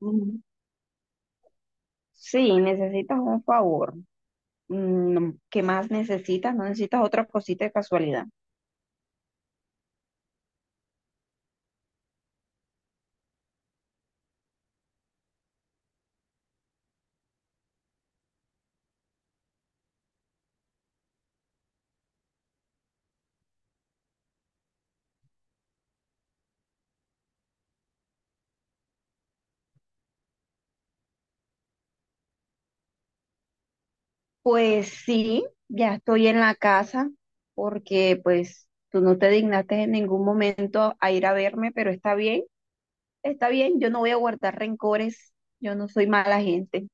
Mm, sí, necesitas un favor. ¿Qué más necesitas? ¿No necesitas otra cosita de casualidad? Pues sí, ya estoy en la casa porque pues tú no te dignaste en ningún momento a ir a verme, pero está bien, yo no voy a guardar rencores, yo no soy mala gente.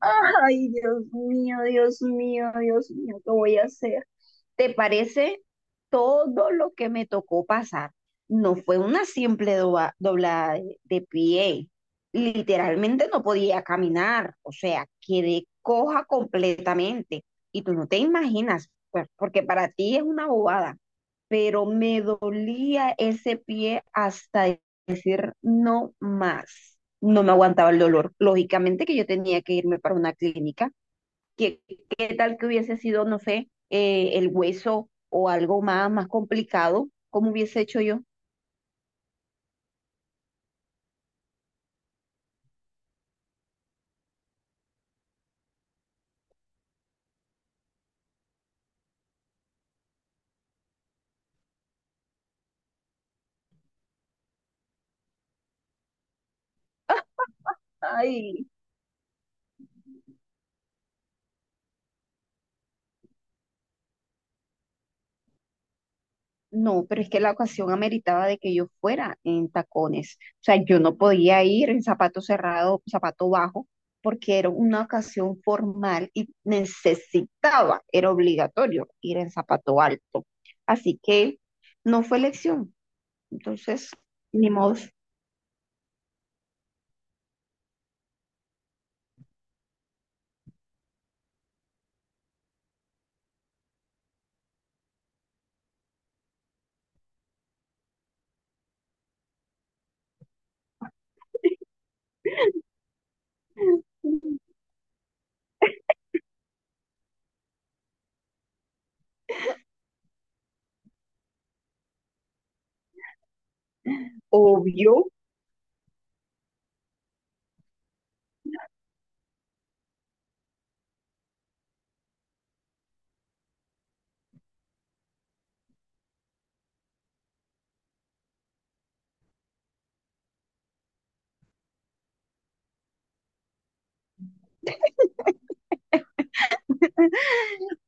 Ay, Dios mío, Dios mío, Dios mío, ¿qué voy a hacer? ¿Te parece todo lo que me tocó pasar? No fue una simple doblada de pie. Literalmente no podía caminar, o sea, quedé coja completamente. Y tú no te imaginas, pues, porque para ti es una bobada, pero me dolía ese pie hasta decir no más. No me aguantaba el dolor. Lógicamente que yo tenía que irme para una clínica. ¿Qué, qué tal que hubiese sido, no sé, el hueso o algo más complicado? ¿Cómo hubiese hecho yo? Ay, no, pero es que la ocasión ameritaba de que yo fuera en tacones. O sea, yo no podía ir en zapato cerrado, zapato bajo, porque era una ocasión formal y necesitaba, era obligatorio ir en zapato alto. Así que no fue elección. Entonces, ni modo. Obvio.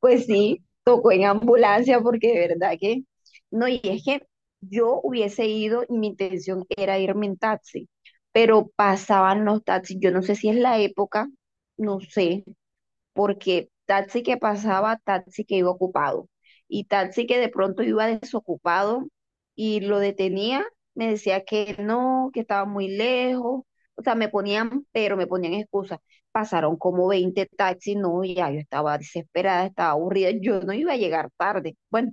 Pues sí, tocó en ambulancia porque de verdad que no, y es que yo hubiese ido y mi intención era irme en taxi, pero pasaban los taxis, yo no sé si es la época, no sé, porque taxi que pasaba, taxi que iba ocupado. Y taxi que de pronto iba desocupado y lo detenía, me decía que no, que estaba muy lejos. O sea, me ponían, pero me ponían excusas. Pasaron como 20 taxis, no, ya yo estaba desesperada, estaba aburrida, yo no iba a llegar tarde. Bueno,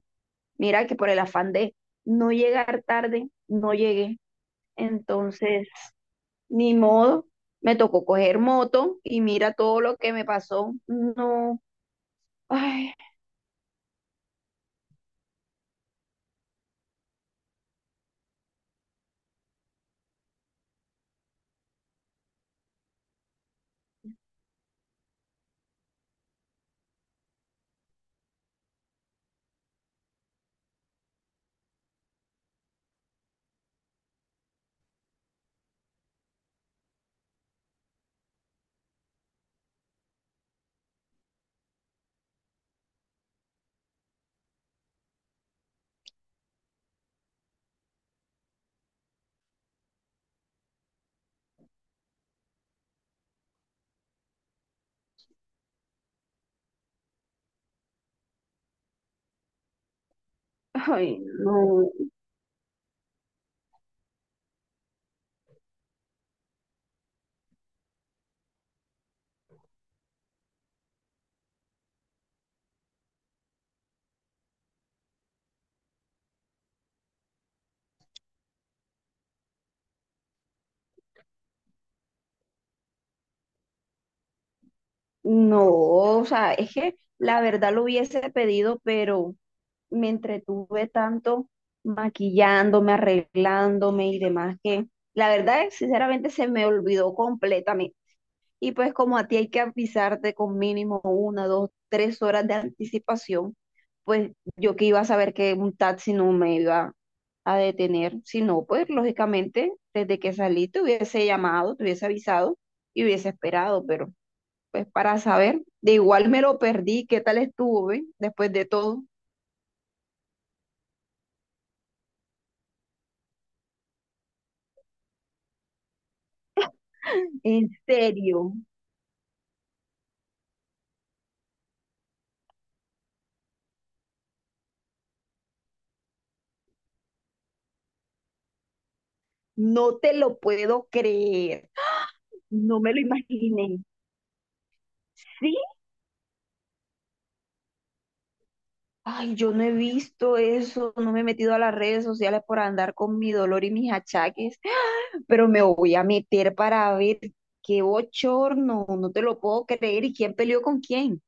mira que por el afán de no llegar tarde, no llegué. Entonces, ni modo, me tocó coger moto y mira todo lo que me pasó. No. Ay, ay, no, no, o sea, es que la verdad lo hubiese pedido, pero me entretuve tanto maquillándome, arreglándome y demás que la verdad, sinceramente, se me olvidó completamente. Y pues como a ti hay que avisarte con mínimo una, dos, tres horas de anticipación, pues yo que iba a saber que un taxi no me iba a detener, si no, pues lógicamente desde que salí te hubiese llamado, te hubiese avisado y hubiese esperado, pero pues para saber, de igual me lo perdí, ¿qué tal estuve después de todo? En serio, no te lo puedo creer, no me lo imaginé. Sí, ay, yo no he visto eso, no me he metido a las redes sociales por andar con mi dolor y mis achaques, pero me voy a meter para ver qué bochorno, no te lo puedo creer, y quién peleó con quién.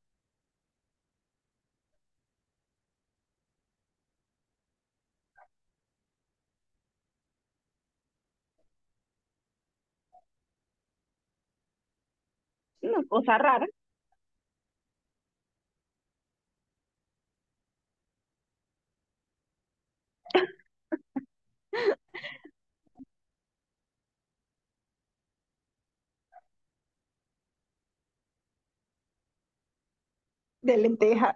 Una cosa rara de lenteja.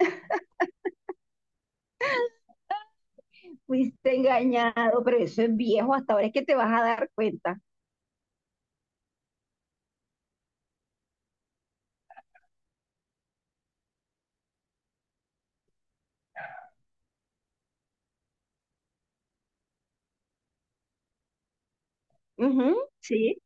Fuiste engañado, pero eso es viejo, hasta ahora es que te vas a dar cuenta. Ujú, sí.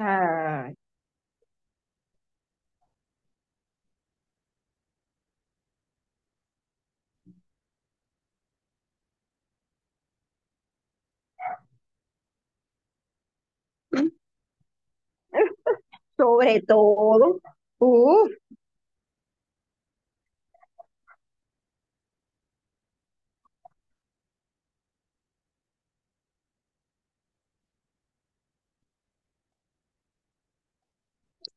Ay. Sobre todo, uff,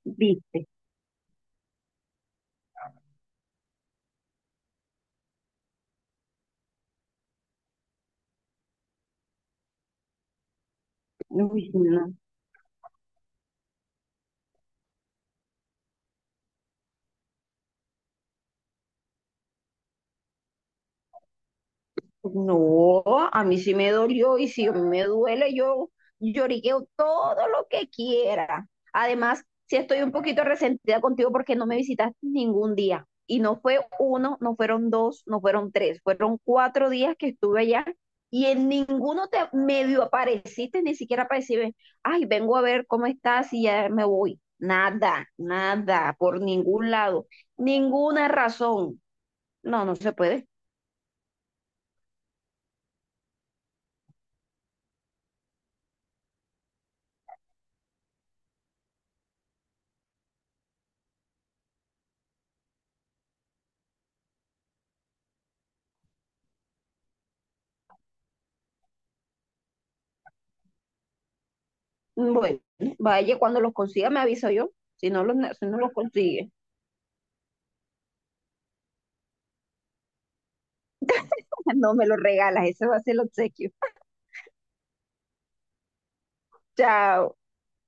viste, uy, no. No, a mí sí me dolió y si a mí me duele, yo lloriqueo todo lo que quiera. Además, sí estoy un poquito resentida contigo porque no me visitaste ningún día. Y no fue uno, no fueron dos, no fueron tres, fueron 4 días que estuve allá y en ninguno te medio apareciste, ni siquiera para decirme, ay, vengo a ver cómo estás y ya me voy. Nada, nada, por ningún lado, ninguna razón. No, no se puede. Bueno, vaya, cuando los consiga me aviso yo. Si no los consigue, no me los regalas. Ese va a ser el obsequio. Chao.